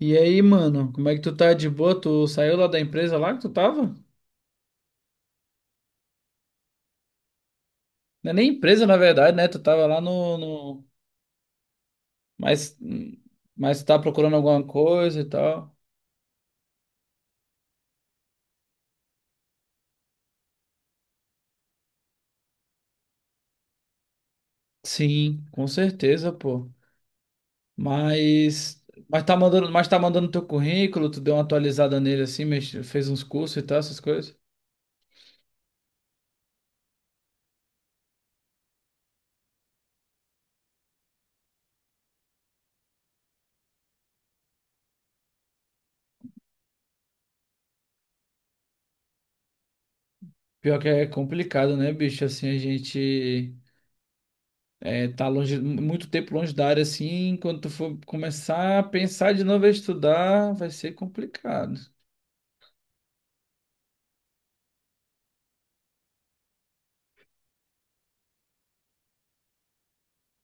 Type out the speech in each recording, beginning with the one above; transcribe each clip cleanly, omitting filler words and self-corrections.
E aí, mano, como é que tu tá de boa? Tu saiu lá da empresa lá que tu tava? Não é nem empresa, na verdade, né? Tu tava lá no. Mas, mas tu tá procurando alguma coisa e tal. Sim, com certeza, pô. Mas, mas tá mandando, teu currículo, tu deu uma atualizada nele assim, fez uns cursos e tal, essas coisas. Pior que é complicado, né, bicho? Assim, a gente tá longe, muito tempo longe da área assim, quando tu for começar a pensar de novo a estudar, vai ser complicado.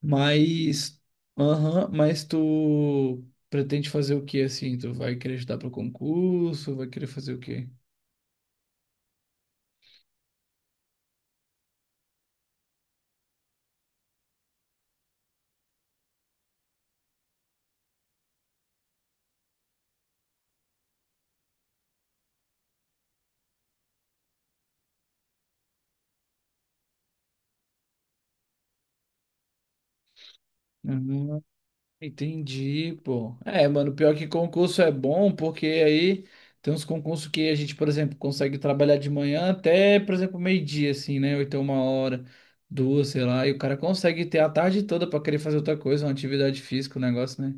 Mas, aham, tu pretende fazer o que assim? Tu vai querer estudar para concurso? Vai querer fazer o quê? Uhum, entendi, pô. É, mano, pior que concurso é bom, porque aí tem uns concursos que a gente, por exemplo, consegue trabalhar de manhã até, por exemplo, meio-dia, assim, né? Ou então uma hora, duas, sei lá. E o cara consegue ter a tarde toda para querer fazer outra coisa, uma atividade física, um negócio, né?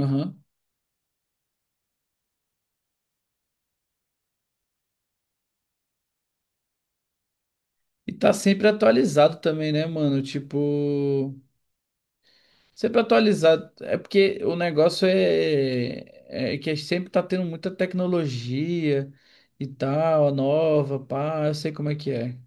Aham. E tá sempre atualizado também, né, mano? Tipo. Sempre atualizado. É porque o negócio é que sempre tá tendo muita tecnologia e tal, nova, pá, eu sei como é que é.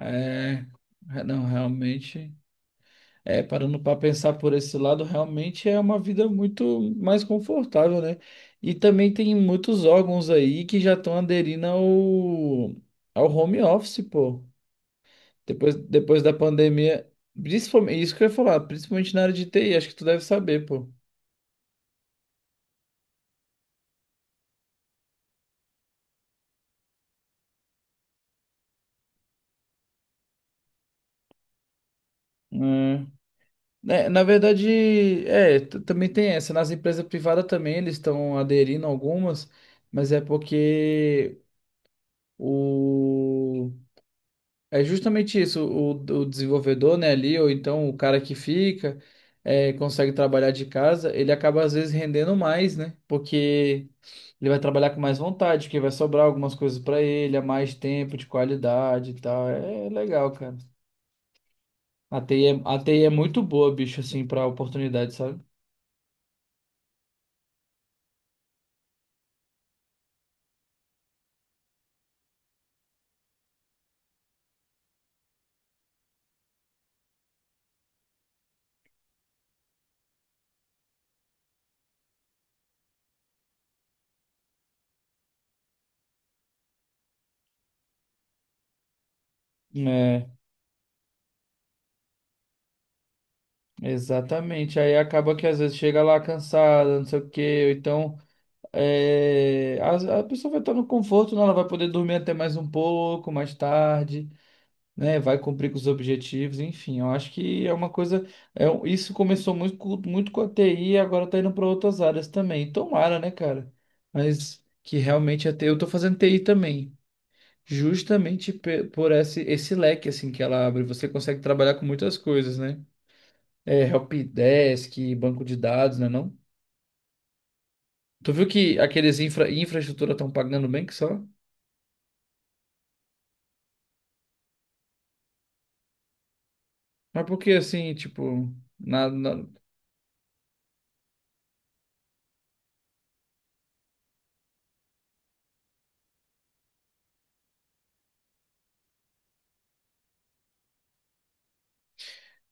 É, é, não, realmente, parando para pensar por esse lado, realmente é uma vida muito mais confortável, né? E também tem muitos órgãos aí que já estão aderindo ao home office, pô. Depois da pandemia, principalmente, isso que eu ia falar, principalmente na área de TI, acho que tu deve saber, pô. Hum. É, na verdade, também tem essa. Nas empresas privadas também eles estão aderindo algumas, mas é porque o é justamente isso, o desenvolvedor, né, ali, ou então o cara que fica, consegue trabalhar de casa, ele acaba às vezes rendendo mais, né? Porque ele vai trabalhar com mais vontade, que vai sobrar algumas coisas para ele, há mais tempo de qualidade e tal. É legal, cara. A TI é muito boa, bicho, assim, para oportunidade, sabe? É, exatamente. Aí acaba que às vezes chega lá cansada, não sei o quê, ou então a pessoa vai estar no conforto, né? Ela vai poder dormir até mais um pouco, mais tarde, né? Vai cumprir com os objetivos, enfim. Eu acho que é uma coisa. É, isso começou muito, muito com a TI e agora tá indo para outras áreas também. Tomara, né, cara? Mas que realmente a TI, eu tô fazendo TI também. Justamente por esse leque assim que ela abre, você consegue trabalhar com muitas coisas, né? É, helpdesk, banco de dados, né, não? Tu viu que aqueles infraestrutura estão pagando bem que só? Mas por que assim, tipo, nada.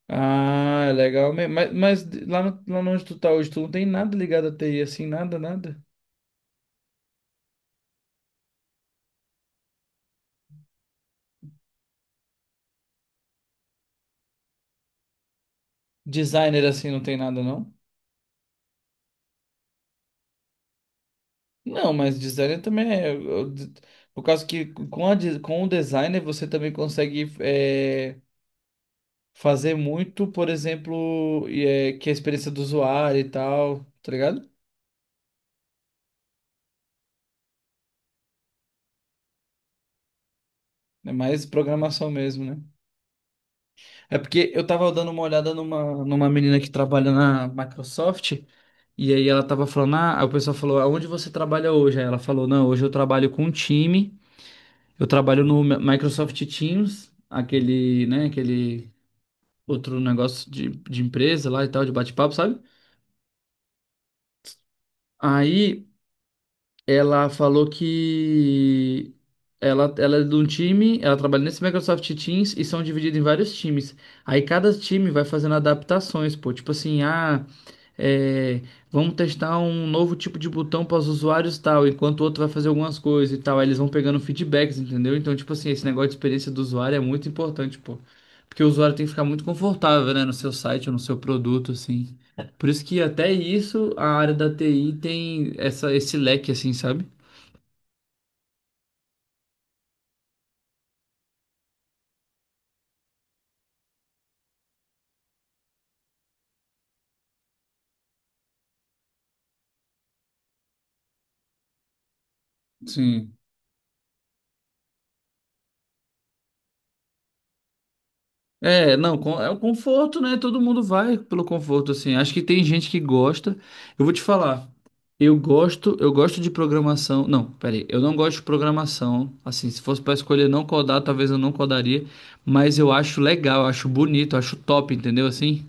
Ah, é legal mesmo. Mas lá, no, lá onde tu tá hoje, tu não tem nada ligado a TI, assim, nada, nada. Designer assim não tem nada, não? Não, mas designer também é. Por causa que com o designer você também consegue fazer muito, por exemplo, e, que é a experiência do usuário e tal, tá ligado? É mais programação mesmo, né? É porque eu tava dando uma olhada numa menina que trabalha na Microsoft, e aí ela tava falando, ah, aí o pessoal falou, aonde você trabalha hoje? Aí ela falou, não, hoje eu trabalho com um time, eu trabalho no Microsoft Teams, aquele, né, aquele outro negócio de empresa lá e tal, de bate-papo, sabe? Aí, ela falou que ela é de um time, ela trabalha nesse Microsoft Teams e são divididos em vários times. Aí cada time vai fazendo adaptações, pô. Tipo assim, ah, é, vamos testar um novo tipo de botão para os usuários e tal, enquanto o outro vai fazer algumas coisas e tal. Aí eles vão pegando feedbacks, entendeu? Então, tipo assim, esse negócio de experiência do usuário é muito importante, pô. Porque o usuário tem que ficar muito confortável, né, no seu site ou no seu produto, assim. Por isso que até isso a área da TI tem essa, esse leque, assim, sabe? Sim. É, não, é o conforto, né? Todo mundo vai pelo conforto, assim. Acho que tem gente que gosta. Eu vou te falar, eu gosto de programação. Não, peraí, eu não gosto de programação. Assim, se fosse pra escolher não codar, talvez eu não codaria, mas eu acho legal, eu acho bonito, eu acho top, entendeu? Assim,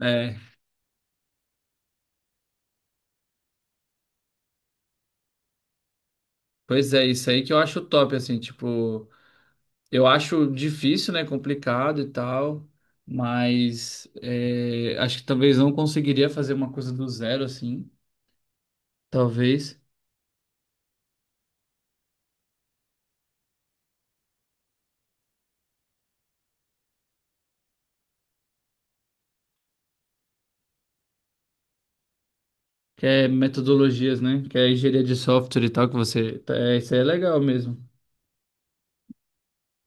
é, pois é, isso aí que eu acho top, assim, tipo. Eu acho difícil, né? Complicado e tal, mas acho que talvez não conseguiria fazer uma coisa do zero assim, talvez. Que é metodologias, né? Que é engenharia de software e tal, que você. Tá, É, isso aí é legal mesmo.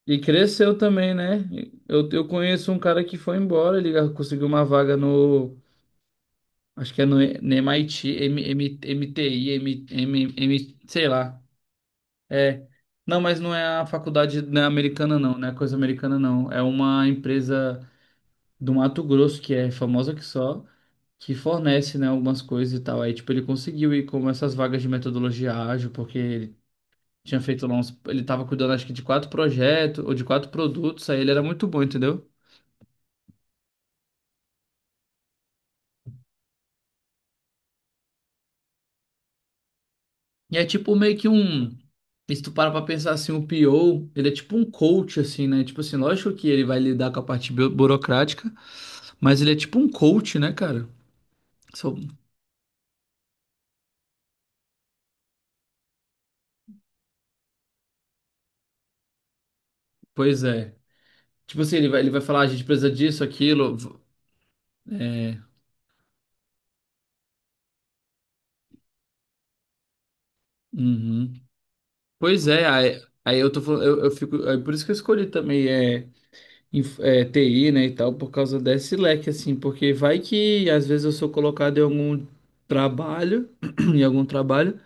E cresceu também, né? Eu conheço um cara que foi embora, ele conseguiu uma vaga no. Acho que é no MIT, M, M, MTI, M, M, M, sei lá. É. Não, mas não é a faculdade né, americana, não, não é coisa americana, não. É uma empresa do Mato Grosso, que é famosa que só, que fornece, né, algumas coisas e tal. Aí, tipo, ele conseguiu ir com essas vagas de metodologia ágil, porque ele tinha feito lá uns. Ele tava cuidando, acho que, de quatro projetos ou de quatro produtos, aí ele era muito bom, entendeu? E é tipo meio que um. E se tu para pra pensar assim, o PO, ele é tipo um coach, assim, né? Tipo assim, lógico que ele vai lidar com a parte burocrática, mas ele é tipo um coach, né, cara? Pois é. Tipo assim, ele vai, falar, "Ah, a gente precisa disso, aquilo. É. Uhum. Pois é, aí eu tô falando, eu fico. É por isso que eu escolhi também TI, né, e tal, por causa desse leque, assim, porque vai que às vezes eu sou colocado em algum trabalho, em algum trabalho,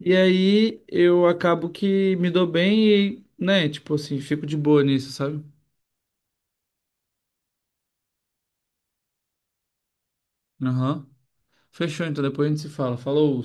e aí eu acabo que me dou bem e, né, tipo assim, fico de boa nisso, sabe? Aham. Fechou, então depois a gente se fala. Falou.